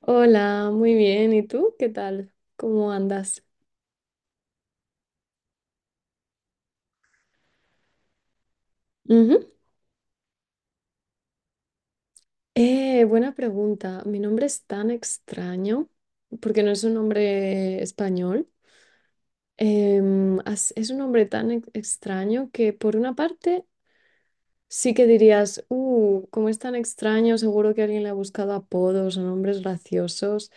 Hola, muy bien. ¿Y tú? ¿Qué tal? ¿Cómo andas? Ujú. Buena pregunta. Mi nombre es tan extraño porque no es un nombre español. Es un nombre tan extraño que, por una parte, sí que dirías, como es tan extraño, seguro que alguien le ha buscado apodos o nombres graciosos.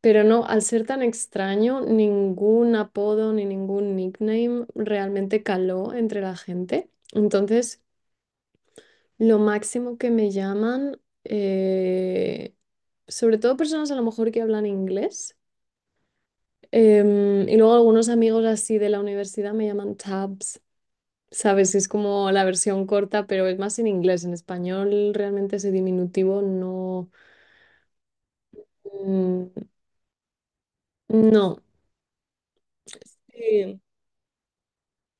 Pero no, al ser tan extraño, ningún apodo ni ningún nickname realmente caló entre la gente. Entonces, lo máximo que me llaman, sobre todo personas a lo mejor que hablan inglés, y luego algunos amigos así de la universidad, me llaman tabs, ¿sabes? Es como la versión corta, pero es más en inglés. En español realmente ese diminutivo no. Mm, no. Sí.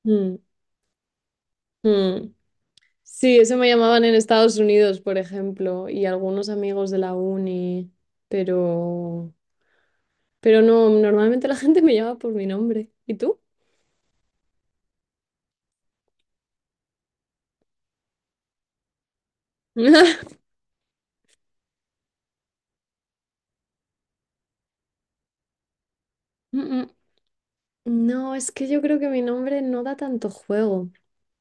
Mm, mm. Sí, eso me llamaban en Estados Unidos, por ejemplo, y algunos amigos de la uni, pero... Pero no, normalmente la gente me llama por mi nombre. ¿Y tú? Mm, mm. No, es que yo creo que mi nombre no da tanto juego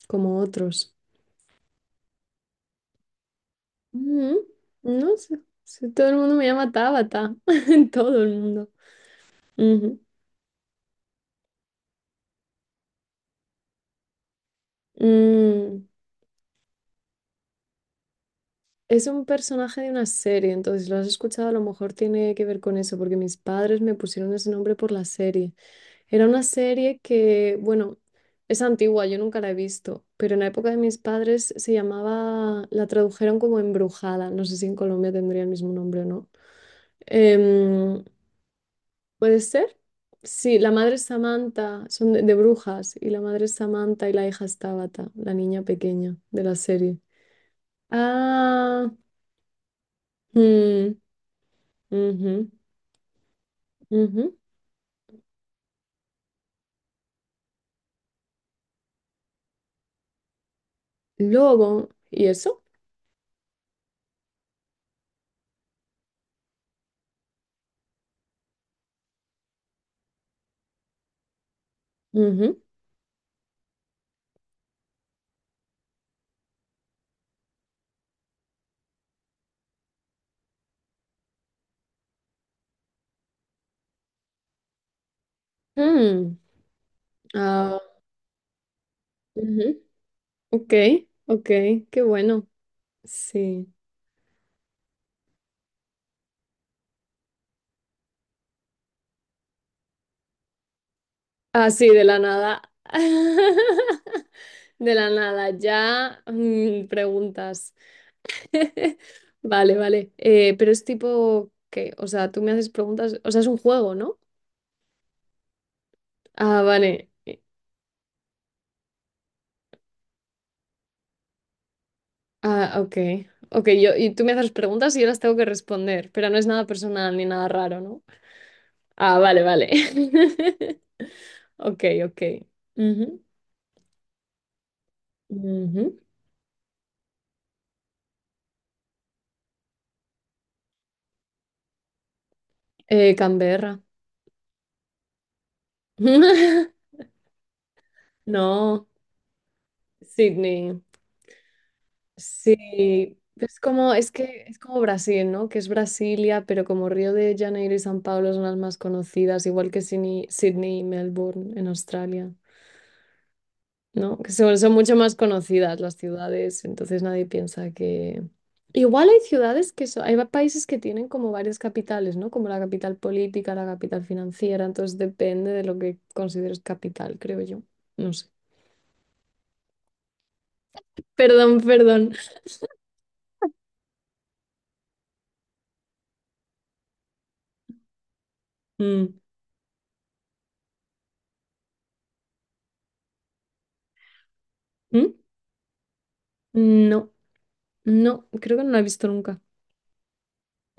como otros. Mm. No sé, si todo el mundo me llama Tabata, todo el mundo. Ujú. Mm. Es un personaje de una serie, entonces si lo has escuchado, a lo mejor tiene que ver con eso, porque mis padres me pusieron ese nombre por la serie. Era una serie que, bueno, es antigua, yo nunca la he visto, pero en la época de mis padres se llamaba, la tradujeron como Embrujada, no sé si en Colombia tendría el mismo nombre o no. Em, ¿Puede ser? Sí, la madre es Samantha, son de brujas, y la madre es Samantha y la hija es Tabata, la niña pequeña de la serie. Ah, mm, ujú, ujú. Luego, ¿y eso? Ujú, mm, ah, ujú. Ok, ok, qué bueno. Sí. Ah, sí, de la nada. De la nada, ya preguntas. Vale, vale. Pero es tipo que, o sea, tú me haces preguntas, o sea, es un juego, ¿no? Ah, vale. Ah, ok. Ok, yo, y tú me haces preguntas y yo las tengo que responder, pero no es nada personal ni nada raro, ¿no? Ah, vale, vale. Ok, ok. Ujú, ujú. Canberra. No, Sydney. Sí, es como, es que es como Brasil, ¿no? Que es Brasilia, pero como Río de Janeiro y San Pablo son las más conocidas, igual que Sydney, Sydney y Melbourne en Australia, ¿no? Que son, son mucho más conocidas las ciudades, entonces nadie piensa que... Igual hay ciudades que son, hay países que tienen como varias capitales, ¿no? Como la capital política, la capital financiera, entonces depende de lo que consideres capital, creo yo. No sé. Perdón, perdón. Mm. ¿Mm? No, no, creo que no la he visto nunca.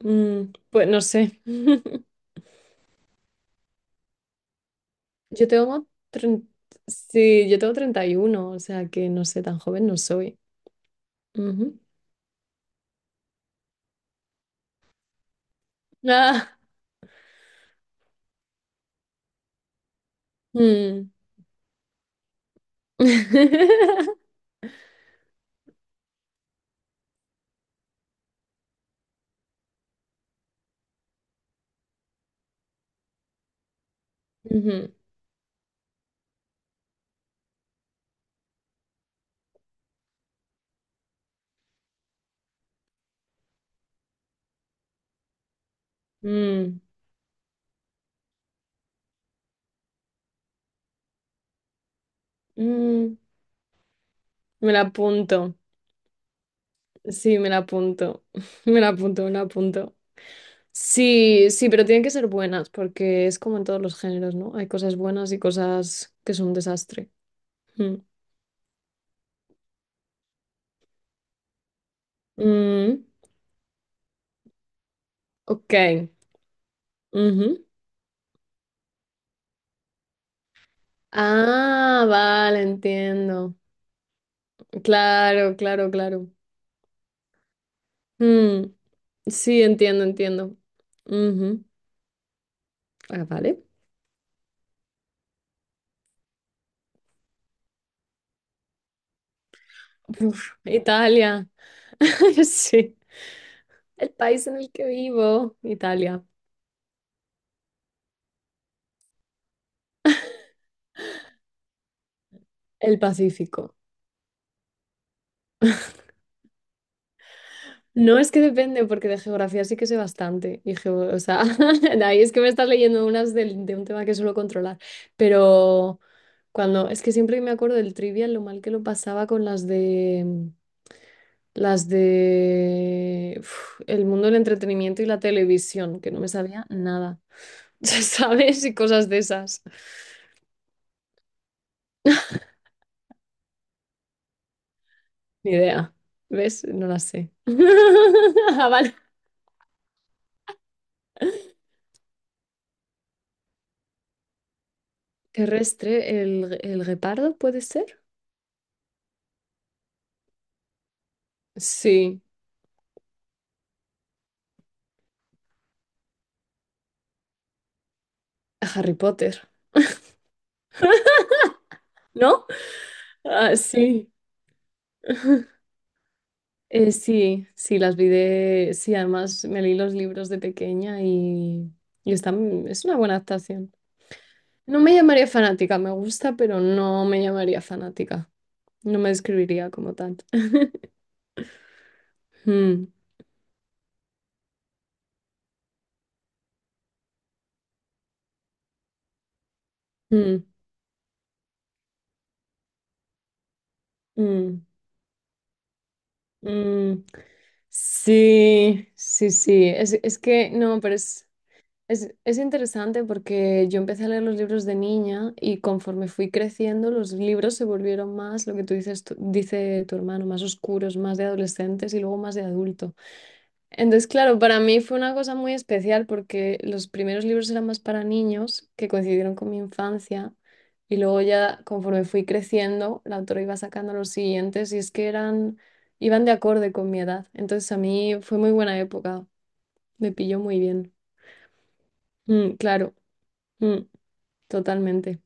Mm, pues no sé. Yo tengo tren- sí, yo tengo 31, o sea que no sé, tan joven no soy. Ujú. Ah, mm. Ujú, mm, mm. Me la apunto. Sí, me la apunto. Me la apunto, me la apunto. Sí, sí, pero tienen que ser buenas, porque es como en todos los géneros, ¿no? Hay cosas buenas y cosas que son un desastre. Mm. Mm, ok. Ujú. Ah, vale, entiendo. Claro, claro, claro. Mm, sí, entiendo, entiendo. Ujú. Ah, vale. Uf, Italia. Sí, el país en el que vivo, Italia, el Pacífico. No, es que depende, porque de geografía sí que sé bastante. Y o sea, de ahí es que me estás leyendo unas de un tema que suelo controlar. Pero cuando, es que siempre que me acuerdo del trivial, lo mal que lo pasaba con las de uf, el mundo del entretenimiento y la televisión, que no me sabía nada. ¿Sabes? Y cosas de esas. Ni idea. ¿Ves? No las sé. Ah, vale. Terrestre, el guepardo, ¿puede ser? Sí. A Harry Potter. ¿No? Ah, sí. Sí, sí, las vi de... Sí, además me leí los libros de pequeña y está, es una buena adaptación. No me llamaría fanática, me gusta, pero no me llamaría fanática. No me describiría como tal. Mm, mm, mm, mm. Sí, sí, sí. Es que no, pero es... es interesante porque yo empecé a leer los libros de niña y, conforme fui creciendo, los libros se volvieron más, lo que tú dices, dice tu hermano, más oscuros, más de adolescentes y luego más de adulto. Entonces, claro, para mí fue una cosa muy especial porque los primeros libros eran más para niños, que coincidieron con mi infancia, y luego ya conforme fui creciendo, la autora iba sacando los siguientes y es que eran, iban de acorde con mi edad. Entonces, a mí fue muy buena época, me pilló muy bien. Mm, claro. Mm. Totalmente.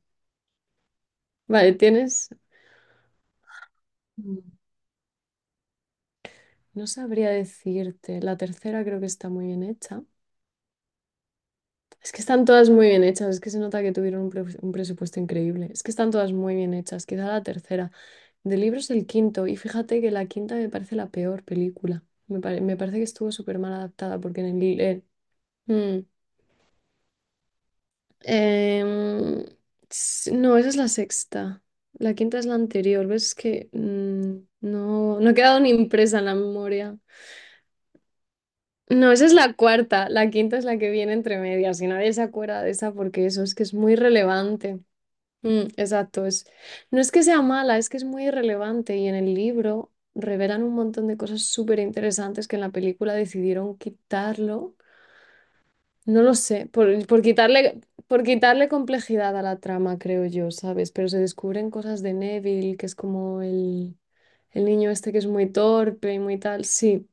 Vale, tienes, mm, no sabría decirte, la tercera creo que está muy bien hecha. Es que están todas muy bien hechas, es que se nota que tuvieron un, un presupuesto increíble. Es que están todas muy bien hechas, quizá la tercera. De libros el quinto, y fíjate que la quinta me parece la peor película. Me parece que estuvo súper mal adaptada porque en el... mm, em, no, esa es la sexta. La quinta es la anterior, ¿ves? Es que mm, no, no ha quedado ni impresa en la memoria. No, esa es la cuarta. La quinta es la que viene entre medias y nadie se acuerda de esa porque eso es que es muy relevante. Mm, exacto. Es, no es que sea mala, es que es muy relevante y en el libro revelan un montón de cosas súper interesantes que en la película decidieron quitarlo. No lo sé, por quitarle complejidad a la trama, creo yo, ¿sabes? Pero se descubren cosas de Neville, que es como el niño este que es muy torpe y muy tal. Sí.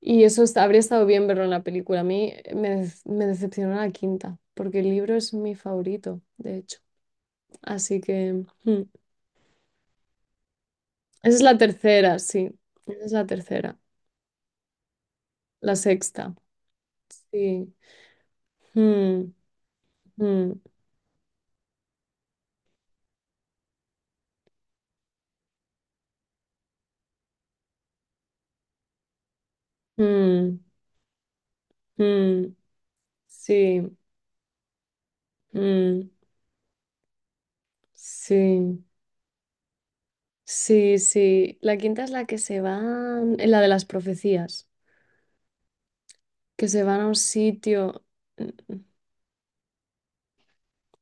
Y eso habría estado bien verlo en la película. A mí me, me decepcionó la quinta, porque el libro es mi favorito, de hecho. Así que mm, esa es la tercera, sí. Esa es la tercera. La sexta, sí. Mm, mm, mm, mm, sí. Mm, sí. Sí, sí. La quinta es la que se van, la de las profecías, que se van a un sitio mm,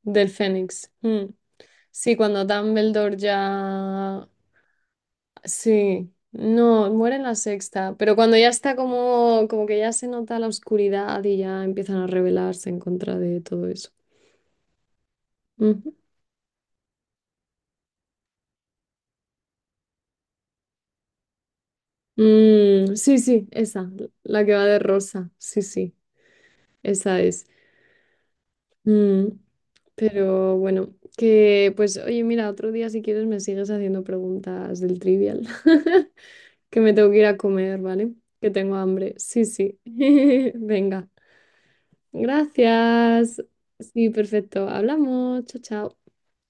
del Fénix. Mm. Sí, cuando Dumbledore ya... Sí, no, muere en la sexta, pero cuando ya está como, como que ya se nota la oscuridad y ya empiezan a rebelarse en contra de todo eso. Ujú. Mm, sí, sí, esa, la que va de rosa, sí, sí, esa es. Mm, pero bueno, que pues oye, mira, otro día si quieres me sigues haciendo preguntas del trivial, que me tengo que ir a comer, ¿vale? Que tengo hambre, sí, sí, venga. Gracias. Sí, perfecto. Hablamos. Chao, chao.